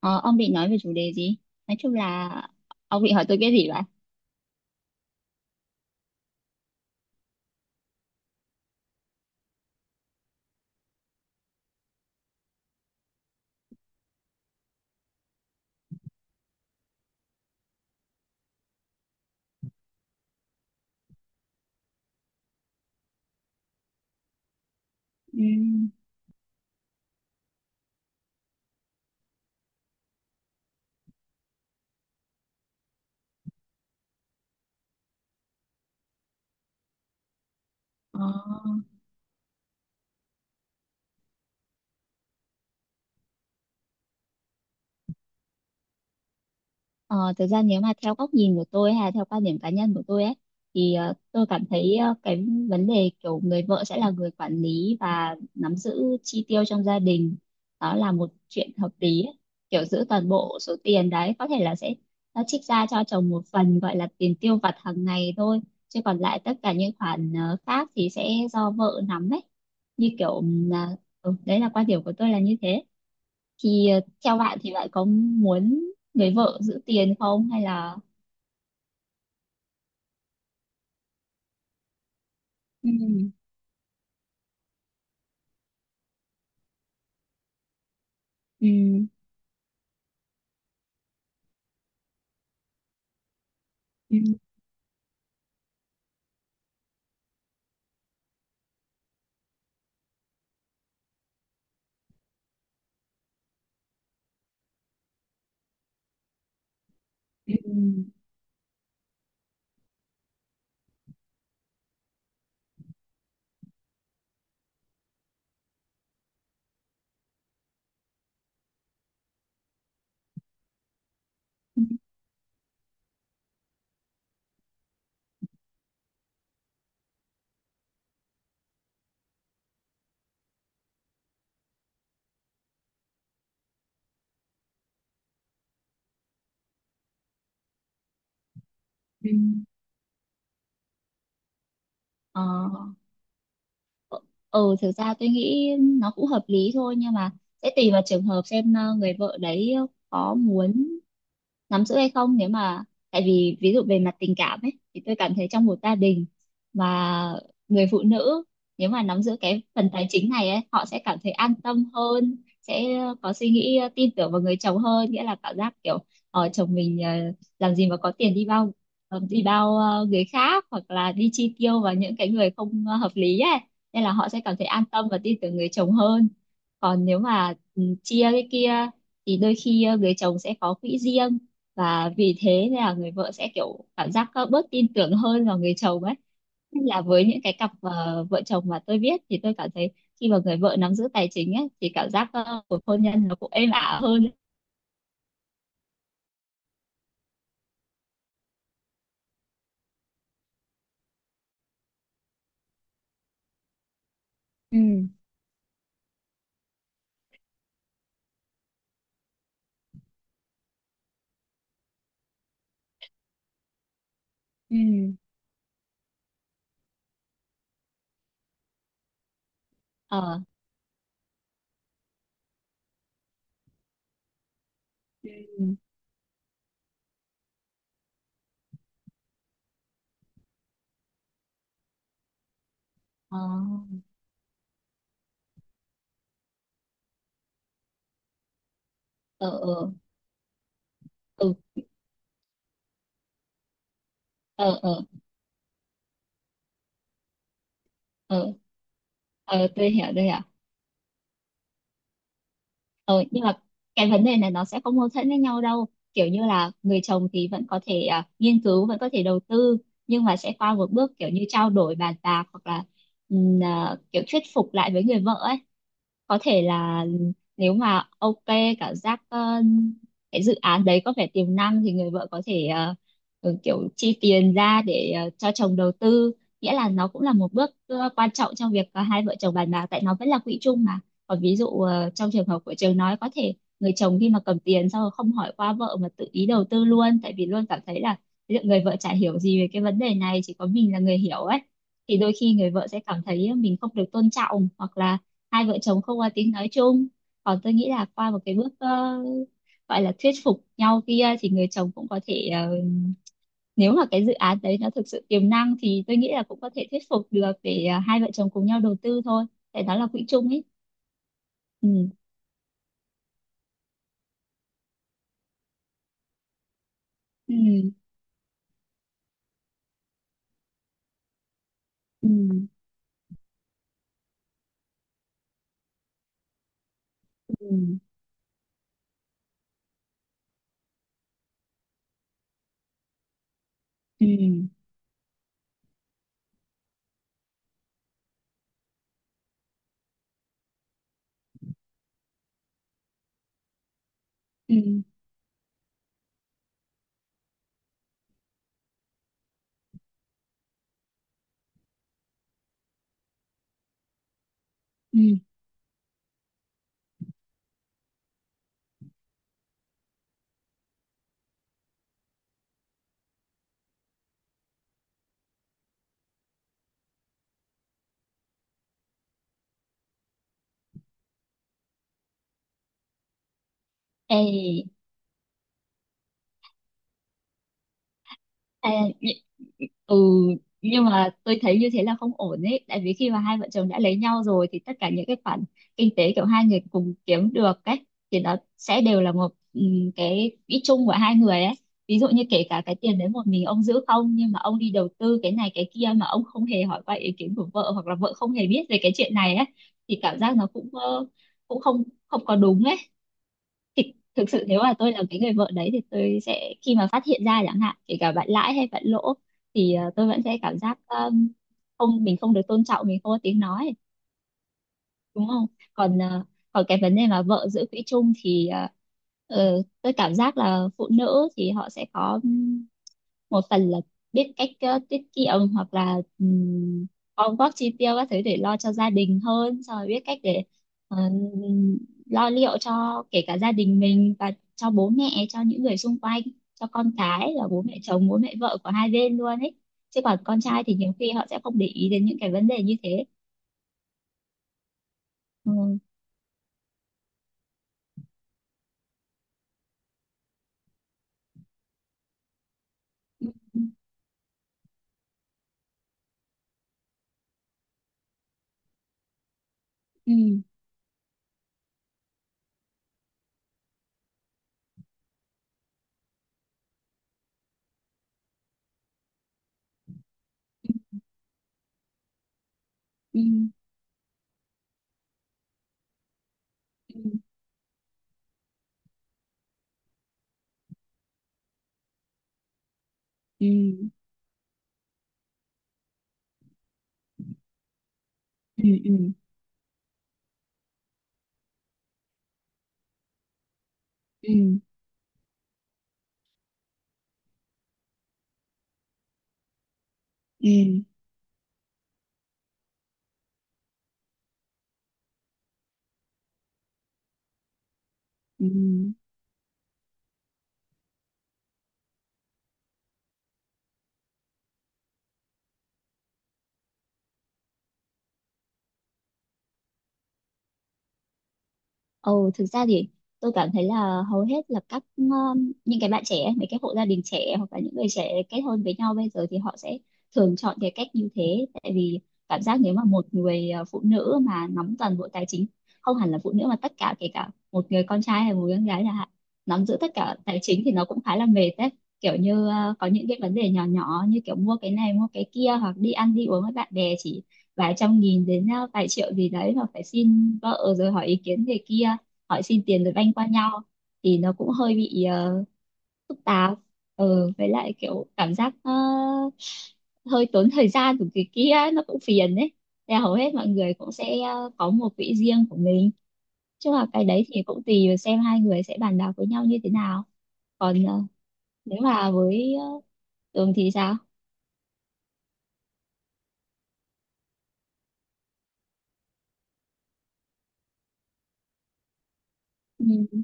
Ờ, ông định nói về chủ đề gì? Nói chung là ông định hỏi tôi cái gì vậy? Ừ. Ờ. Ờ, Thực ra nếu mà theo góc nhìn của tôi hay là theo quan điểm cá nhân của tôi ấy thì tôi cảm thấy cái vấn đề kiểu người vợ sẽ là người quản lý và nắm giữ chi tiêu trong gia đình, đó là một chuyện hợp lý ấy. Kiểu giữ toàn bộ số tiền đấy có thể là sẽ nó trích ra cho chồng một phần gọi là tiền tiêu vặt hàng ngày thôi, chứ còn lại tất cả những khoản khác thì sẽ do vợ nắm ấy, như kiểu đấy là quan điểm của tôi là như thế. Thì theo bạn thì bạn có muốn người vợ giữ tiền không, hay là... Ừ, ừ, ừ, ừ, ừ, ừ. Ờ, ờ. Thực ra tôi nghĩ nó cũng hợp lý thôi, nhưng mà sẽ tùy vào trường hợp xem người vợ đấy có muốn nắm giữ hay không. Nếu mà, tại vì ví dụ về mặt tình cảm ấy thì tôi cảm thấy trong một gia đình mà người phụ nữ, nếu mà nắm giữ cái phần tài chính này ấy, họ sẽ cảm thấy an tâm hơn, sẽ có suy nghĩ tin tưởng vào người chồng hơn, nghĩa là cảm giác kiểu chồng mình làm gì mà có tiền đi bao người khác, hoặc là đi chi tiêu vào những cái người không hợp lý ấy, nên là họ sẽ cảm thấy an tâm và tin tưởng người chồng hơn. Còn nếu mà chia cái kia thì đôi khi người chồng sẽ có quỹ riêng, và vì thế nên là người vợ sẽ kiểu cảm giác có bớt tin tưởng hơn vào người chồng ấy. Nên là với những cái cặp vợ chồng mà tôi biết thì tôi cảm thấy khi mà người vợ nắm giữ tài chính ấy thì cảm giác của hôn nhân nó cũng êm ả hơn. Ừ, ừ, ờ, ừ, ờ, ờ, ờ, ừ, ờ, ờ, ờ. Tôi hiểu, tôi hiểu. Ừ, nhưng mà cái vấn đề này nó sẽ không mâu thuẫn với nhau đâu. Kiểu như là người chồng thì vẫn có thể nghiên cứu, vẫn có thể đầu tư, nhưng mà sẽ qua một bước kiểu như trao đổi bàn bạc, hoặc là kiểu thuyết phục lại với người vợ ấy. Có thể là nếu mà ok, cảm giác cái dự án đấy có vẻ tiềm năng thì người vợ có thể kiểu chi tiền ra để cho chồng đầu tư. Nghĩa là nó cũng là một bước quan trọng trong việc hai vợ chồng bàn bạc, tại nó vẫn là quỹ chung mà. Còn ví dụ trong trường hợp của Trường nói, có thể người chồng khi mà cầm tiền xong rồi không hỏi qua vợ mà tự ý đầu tư luôn, tại vì luôn cảm thấy là liệu người vợ chả hiểu gì về cái vấn đề này, chỉ có mình là người hiểu ấy, thì đôi khi người vợ sẽ cảm thấy mình không được tôn trọng, hoặc là hai vợ chồng không có tiếng nói chung. Còn tôi nghĩ là qua một cái bước gọi là thuyết phục nhau kia thì người chồng cũng có thể nếu mà cái dự án đấy nó thực sự tiềm năng thì tôi nghĩ là cũng có thể thuyết phục được để hai vợ chồng cùng nhau đầu tư thôi, tại đó là quỹ chung ấy. Ừ, ừ, ừ, ừ, ừ, ừ, ừ. Ê. À, nh- ừ nhưng mà tôi thấy như thế là không ổn ấy, tại vì khi mà hai vợ chồng đã lấy nhau rồi thì tất cả những cái khoản kinh tế kiểu hai người cùng kiếm được ấy thì nó sẽ đều là một cái quỹ chung của hai người ấy. Ví dụ như kể cả cái tiền đấy một mình ông giữ không, nhưng mà ông đi đầu tư cái này cái kia mà ông không hề hỏi qua ý kiến của vợ, hoặc là vợ không hề biết về cái chuyện này ấy, thì cảm giác nó cũng cũng không, không có đúng ấy. Thì thực sự nếu mà tôi là cái người vợ đấy thì tôi sẽ, khi mà phát hiện ra chẳng hạn kể cả bạn lãi hay bạn lỗ, thì tôi vẫn sẽ cảm giác không, mình không được tôn trọng, mình không có tiếng nói, đúng không? Còn à, còn cái vấn đề mà vợ giữ quỹ chung thì tôi cảm giác là phụ nữ thì họ sẽ có một phần là biết cách tiết kiệm, hoặc là gom góp chi tiêu các thứ để lo cho gia đình hơn, xong rồi biết cách để ờ, lo liệu cho kể cả gia đình mình và cho bố mẹ, cho những người xung quanh, cho con cái, là bố mẹ chồng bố mẹ vợ của hai bên luôn ấy, chứ còn con trai thì nhiều khi họ sẽ không để ý đến những cái vấn đề như thế. Ừ. Ừ. Ừ. Ừ, ừ, ừ, ừ, ừ, ừ, ừ, ừ, ừ, ừ, ừ, ừ, Ồ, thực ra thì tôi cảm thấy là hầu hết là các những cái bạn trẻ, mấy cái hộ gia đình trẻ hoặc là những người trẻ kết hôn với nhau bây giờ thì họ sẽ thường chọn cái cách như thế, tại vì cảm giác nếu mà một người phụ nữ mà nắm toàn bộ tài chính, không hẳn là phụ nữ mà tất cả kể cả một người con trai hay một người con gái chẳng hạn, nắm giữ tất cả tài chính thì nó cũng khá là mệt đấy. Kiểu như có những cái vấn đề nhỏ nhỏ như kiểu mua cái này mua cái kia, hoặc đi ăn đi uống với bạn bè chỉ vài trăm nghìn đến vài triệu gì đấy mà phải xin vợ rồi hỏi ý kiến người kia, hỏi xin tiền rồi banh qua nhau, thì nó cũng hơi bị phức tạp. Với lại kiểu cảm giác hơi tốn thời gian của người kia, nó cũng phiền đấy. Là hầu hết mọi người cũng sẽ có một quỹ riêng của mình, chứ mà cái đấy thì cũng tùy vào xem hai người sẽ bàn bạc với nhau như thế nào. Còn nếu mà với Tường thì sao? Ừ,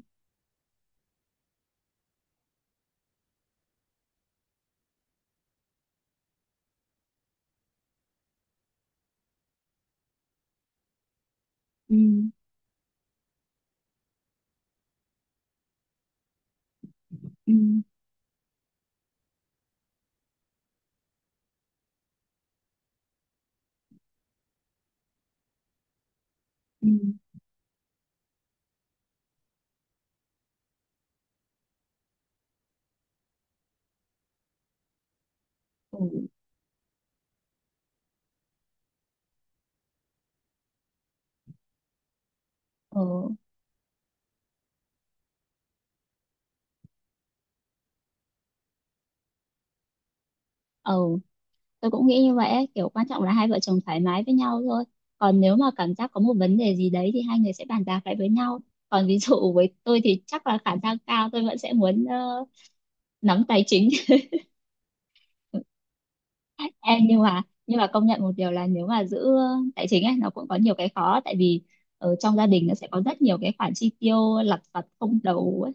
ừ, ừ, ừ, ừ, ừ, ừ. Ừ. Tôi cũng nghĩ như vậy ấy. Kiểu quan trọng là hai vợ chồng thoải mái với nhau thôi. Còn nếu mà cảm giác có một vấn đề gì đấy thì hai người sẽ bàn bạc lại với nhau. Còn ví dụ với tôi thì chắc là khả năng cao tôi vẫn sẽ muốn nắm tài chính. Em, nhưng mà công nhận một điều là nếu mà giữ tài chính ấy nó cũng có nhiều cái khó, tại vì ở trong gia đình nó sẽ có rất nhiều cái khoản chi tiêu lặt vặt không đầu ấy,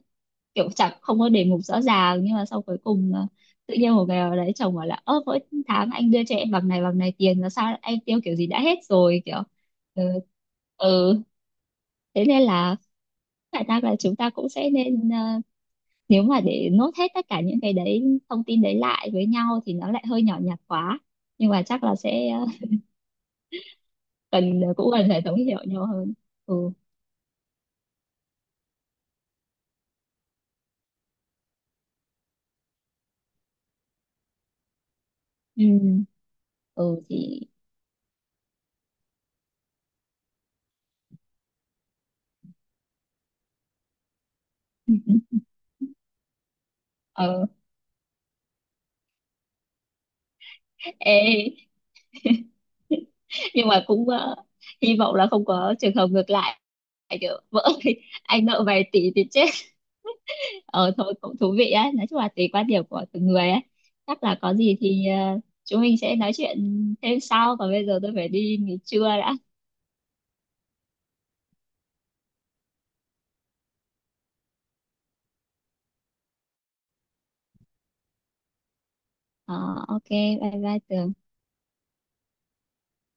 kiểu chẳng không có đề mục rõ ràng, nhưng mà sau cuối cùng tự nhiên một ngày nào đấy chồng bảo là: ơ, mỗi tháng anh đưa cho em bằng này tiền là sao em tiêu kiểu gì đã hết rồi kiểu... Ừ, ừ. Thế nên là khả năng là chúng ta cũng sẽ nên nếu mà để nốt hết tất cả những cái đấy, thông tin đấy lại với nhau thì nó lại hơi nhỏ nhặt quá, nhưng mà chắc là sẽ cần cũng cần phải thấu hiểu nhau hơn. Ừ, ừ, ừ. Thì ừ. Ừ. Ờ. ê nhưng mà cũng hy vọng là không có trường hợp ngược lại, kiểu vỡ thì anh nợ vài tỷ thì chết. Ờ Thôi cũng thú vị á, nói chung là tùy quan điểm của từng người á. Chắc là có gì thì chúng mình sẽ nói chuyện thêm sau, còn bây giờ tôi phải đi nghỉ trưa đã. ờ, ok, bye bye Tường.